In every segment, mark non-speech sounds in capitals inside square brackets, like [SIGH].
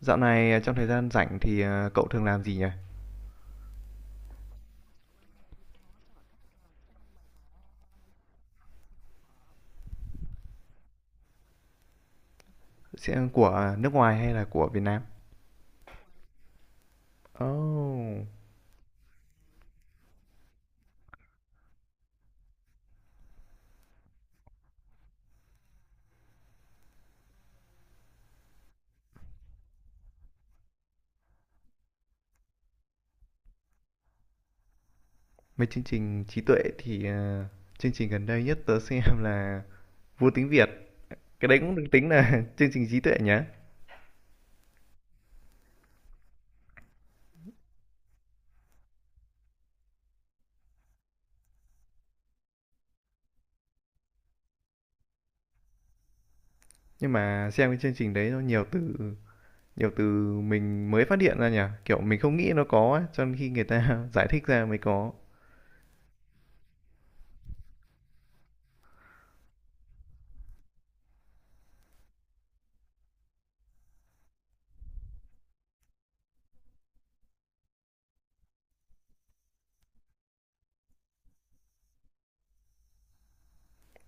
Dạo này à, trong thời gian rảnh thì cậu thường làm gì nhỉ? Sẽ của à, nước ngoài hay là của Việt Nam? Oh, mấy chương trình trí tuệ thì chương trình gần đây nhất tớ xem là Vô Tiếng Việt. Cái đấy cũng được tính là [LAUGHS] chương trình trí tuệ nhá. Nhưng mà xem cái chương trình đấy nó nhiều từ mình mới phát hiện ra nhỉ? Kiểu mình không nghĩ nó có ấy, cho nên khi người ta [LAUGHS] giải thích ra mới có.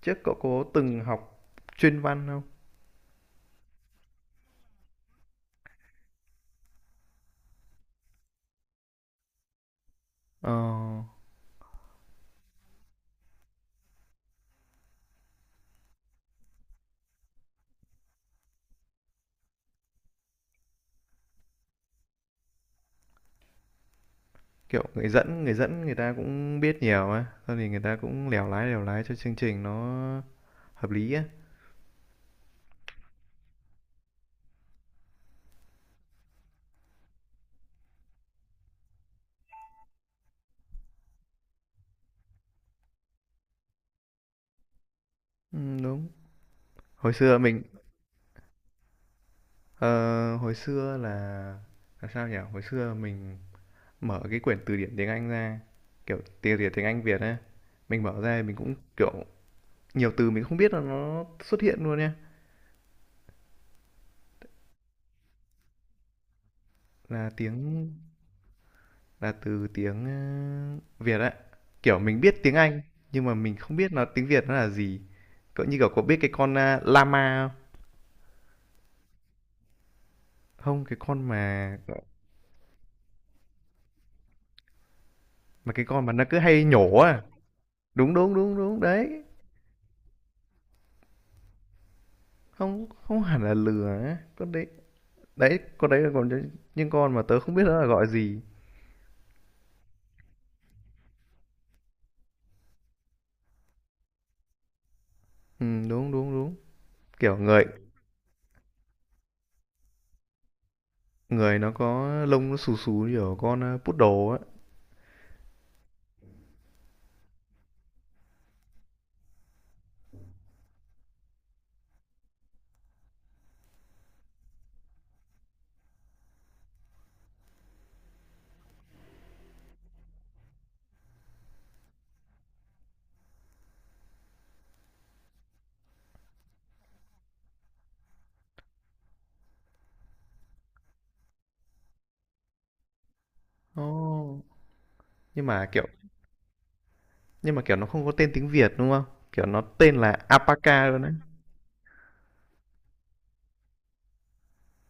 Trước cậu có từng học chuyên văn không? Ờ. Kiểu người dẫn người ta cũng biết nhiều á, xong thì người ta cũng lèo lái cho chương trình nó hợp lý á. Ừ, đúng. Hồi xưa mình ờ, hồi xưa là sao nhỉ? Hồi xưa mình mở cái quyển từ điển tiếng Anh ra, kiểu từ điển tiếng Anh Việt á, mình mở ra mình cũng kiểu nhiều từ mình không biết là nó xuất hiện luôn nha. Là tiếng là từ tiếng Việt ấy. Kiểu mình biết tiếng Anh nhưng mà mình không biết nó tiếng Việt nó là gì. Cậu như kiểu có biết cái con llama không? Không, cái con mà cái con mà nó cứ hay nhổ à. Đúng đúng đúng đúng đấy. Không không hẳn là lừa á. Con đấy đấy con đấy là còn những con mà tớ không biết nó là gọi gì. Ừ, đúng đúng đúng. Kiểu người người nó có lông nó xù xù như kiểu con poodle á. Oh. Nhưng mà kiểu nhưng mà, kiểu, nó không có tên tiếng Việt, đúng không? Kiểu, nó tên là Alpaca luôn đấy.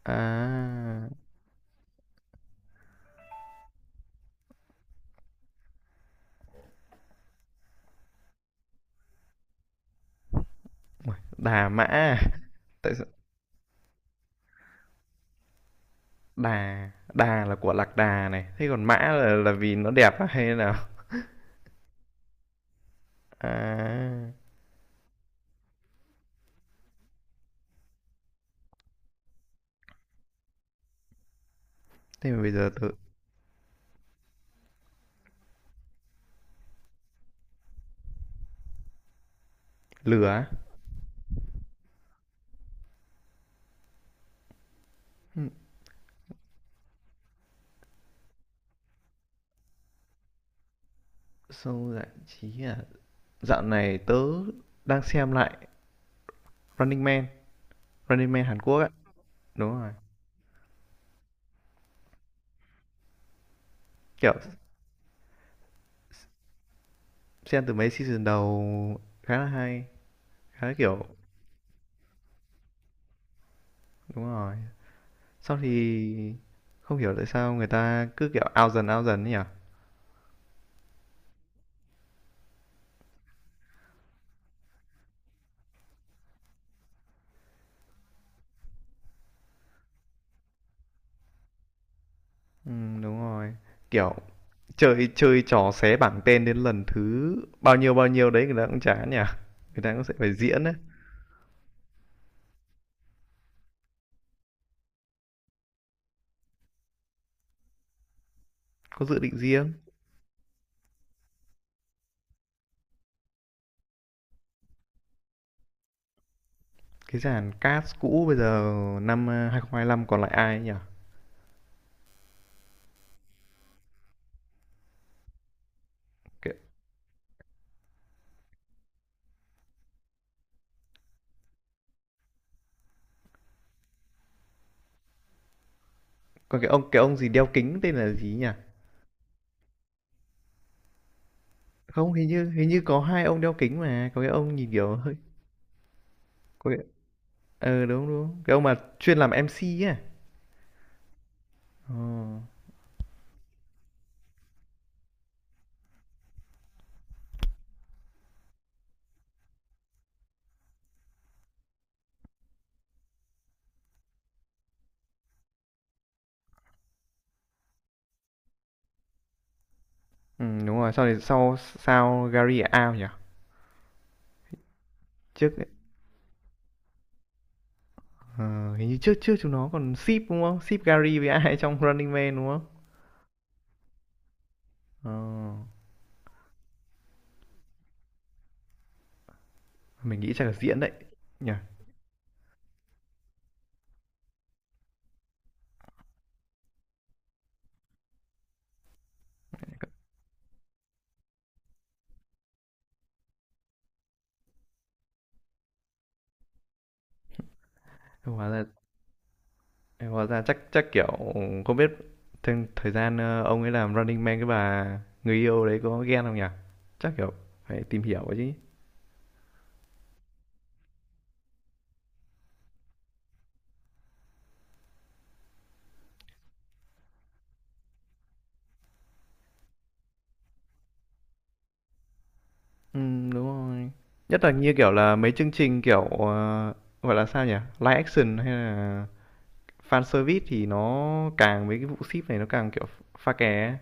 À, Đà Mã à? [LAUGHS] Tại sao Đà Đà là của lạc đà này, thế còn Mã là vì nó đẹp à, hay thế nào? À, thế mà bây giờ tớ lừa á? Ừm, show giải trí à? Dạo này tớ đang xem lại Running Man, Running Man Hàn Quốc á. Đúng rồi, kiểu, xem từ mấy season đầu khá là hay, khá, là kiểu đúng rồi. Sau thì không hiểu tại sao người ta cứ kiểu ao dần ấy nhỉ? Đúng rồi. Kiểu chơi chơi trò xé bảng tên đến lần thứ bao nhiêu đấy người ta cũng chán nhỉ? Người ta cũng sẽ phải diễn đấy, có dự định riêng. Cái dàn cast cũ bây giờ năm 2025 còn lại ai ấy nhỉ? Cái, còn cái ông gì đeo kính tên là gì nhỉ? Không hình như có hai ông đeo kính mà, có cái ông nhìn kiểu hơi có cái... Ờ đúng đúng. Cái ông mà chuyên làm MC ấy. À? Ờ. Ừ, đúng rồi, sau này sau sao Gary là Ao nhỉ? Trước ờ, hình như trước trước chúng nó còn ship đúng không? Ship Gary với ai trong Running Man đúng không? Ờ, mình nghĩ chắc là diễn đấy nhỉ. Hóa ra chắc chắc kiểu không biết thêm thời gian ông ấy làm Running Man cái bà người yêu đấy có ghen không nhỉ? Chắc kiểu phải tìm hiểu ấy chứ. Ừ, đúng rồi. Nhất là như kiểu là mấy chương trình kiểu gọi là sao nhỉ? Live action hay là fan service thì nó càng mấy cái vụ ship này nó càng kiểu pha kè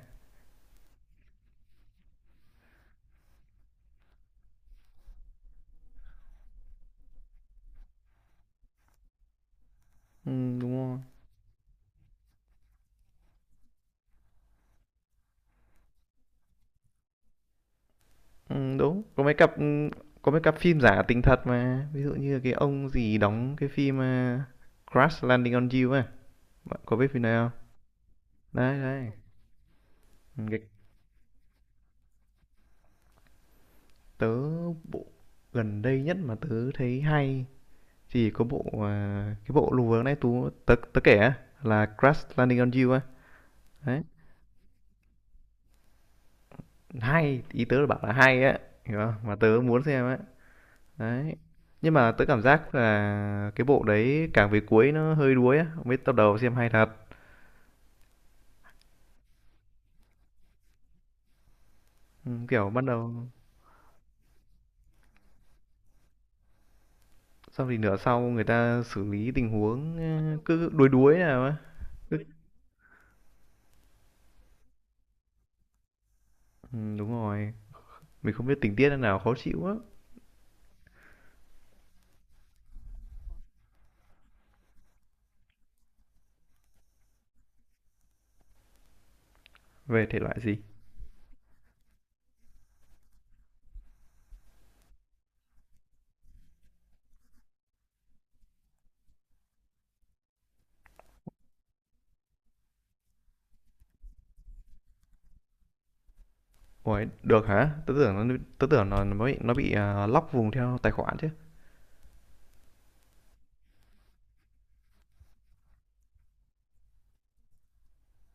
ừ, đúng rồi ừ, đúng có mấy cặp ừ, có mấy cặp phim giả tình thật mà ví dụ như là cái ông gì đóng cái phim Crash Landing on You ấy, bạn có biết phim này không? Đấy đấy. Ừ, cái tớ bộ gần đây nhất mà tớ thấy hay thì có bộ à, cái bộ lùa nãy tú tớ tớ kể á là Crash Landing on You á. Đấy hay ý tớ là bảo là hay á, hiểu không mà tớ muốn xem á. Đấy. Nhưng mà tớ cảm giác là cái bộ đấy càng về cuối nó hơi đuối á, mấy tập đầu xem hay thật. Ừ, kiểu bắt đầu xong thì nửa sau người ta xử lý tình huống cứ đuối đuối nào á. Cứ... Ừ, đúng rồi. Mình không biết tình tiết nào khó chịu á. Về thể loại gì? Ủa, được hả? Tớ tưởng nó nó bị lock vùng theo tài khoản chứ.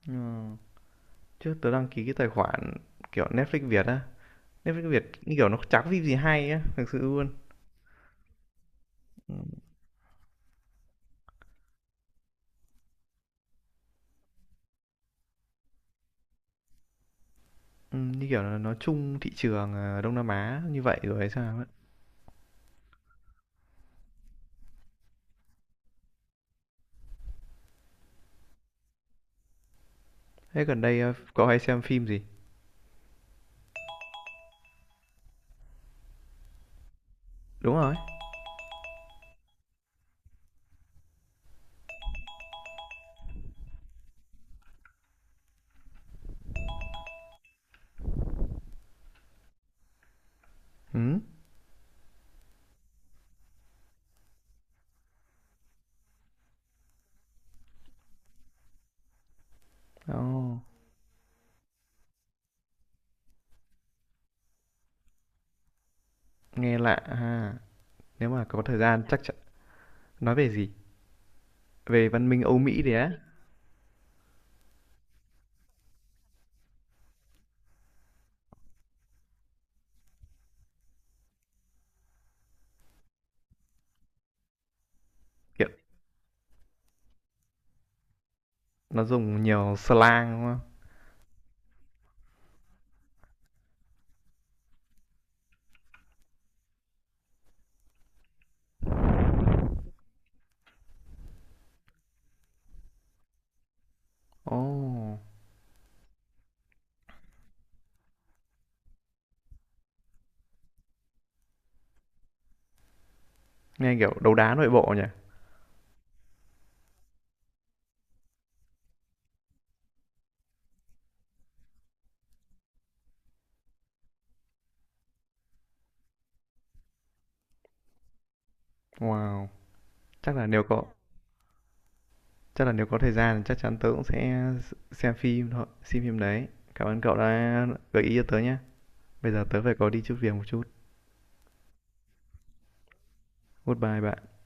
Ừ. Chứ tớ đăng ký cái tài khoản kiểu Netflix Việt á. Netflix Việt như kiểu nó chả có phim gì hay á, thực sự luôn. Ừ, như kiểu là nó chung thị trường Đông Nam Á như vậy rồi hay sao ấy. Thế gần đây có hay xem phim gì? Đúng rồi. Ừ. Oh, nghe lạ ha. Nếu mà có thời gian chắc chắn nói về gì? Về văn minh Âu Mỹ đấy á. Kiểu nó dùng nhiều slang đúng không? Oh, nghe kiểu đấu đá nội bộ nhỉ. Wow. Chắc là nếu có thời gian thì chắc chắn tớ cũng sẽ xem phim thôi, xem phim đấy. Cảm ơn cậu đã gợi ý cho tớ nhé. Bây giờ tớ phải có đi chút việc một chút. Goodbye bạn.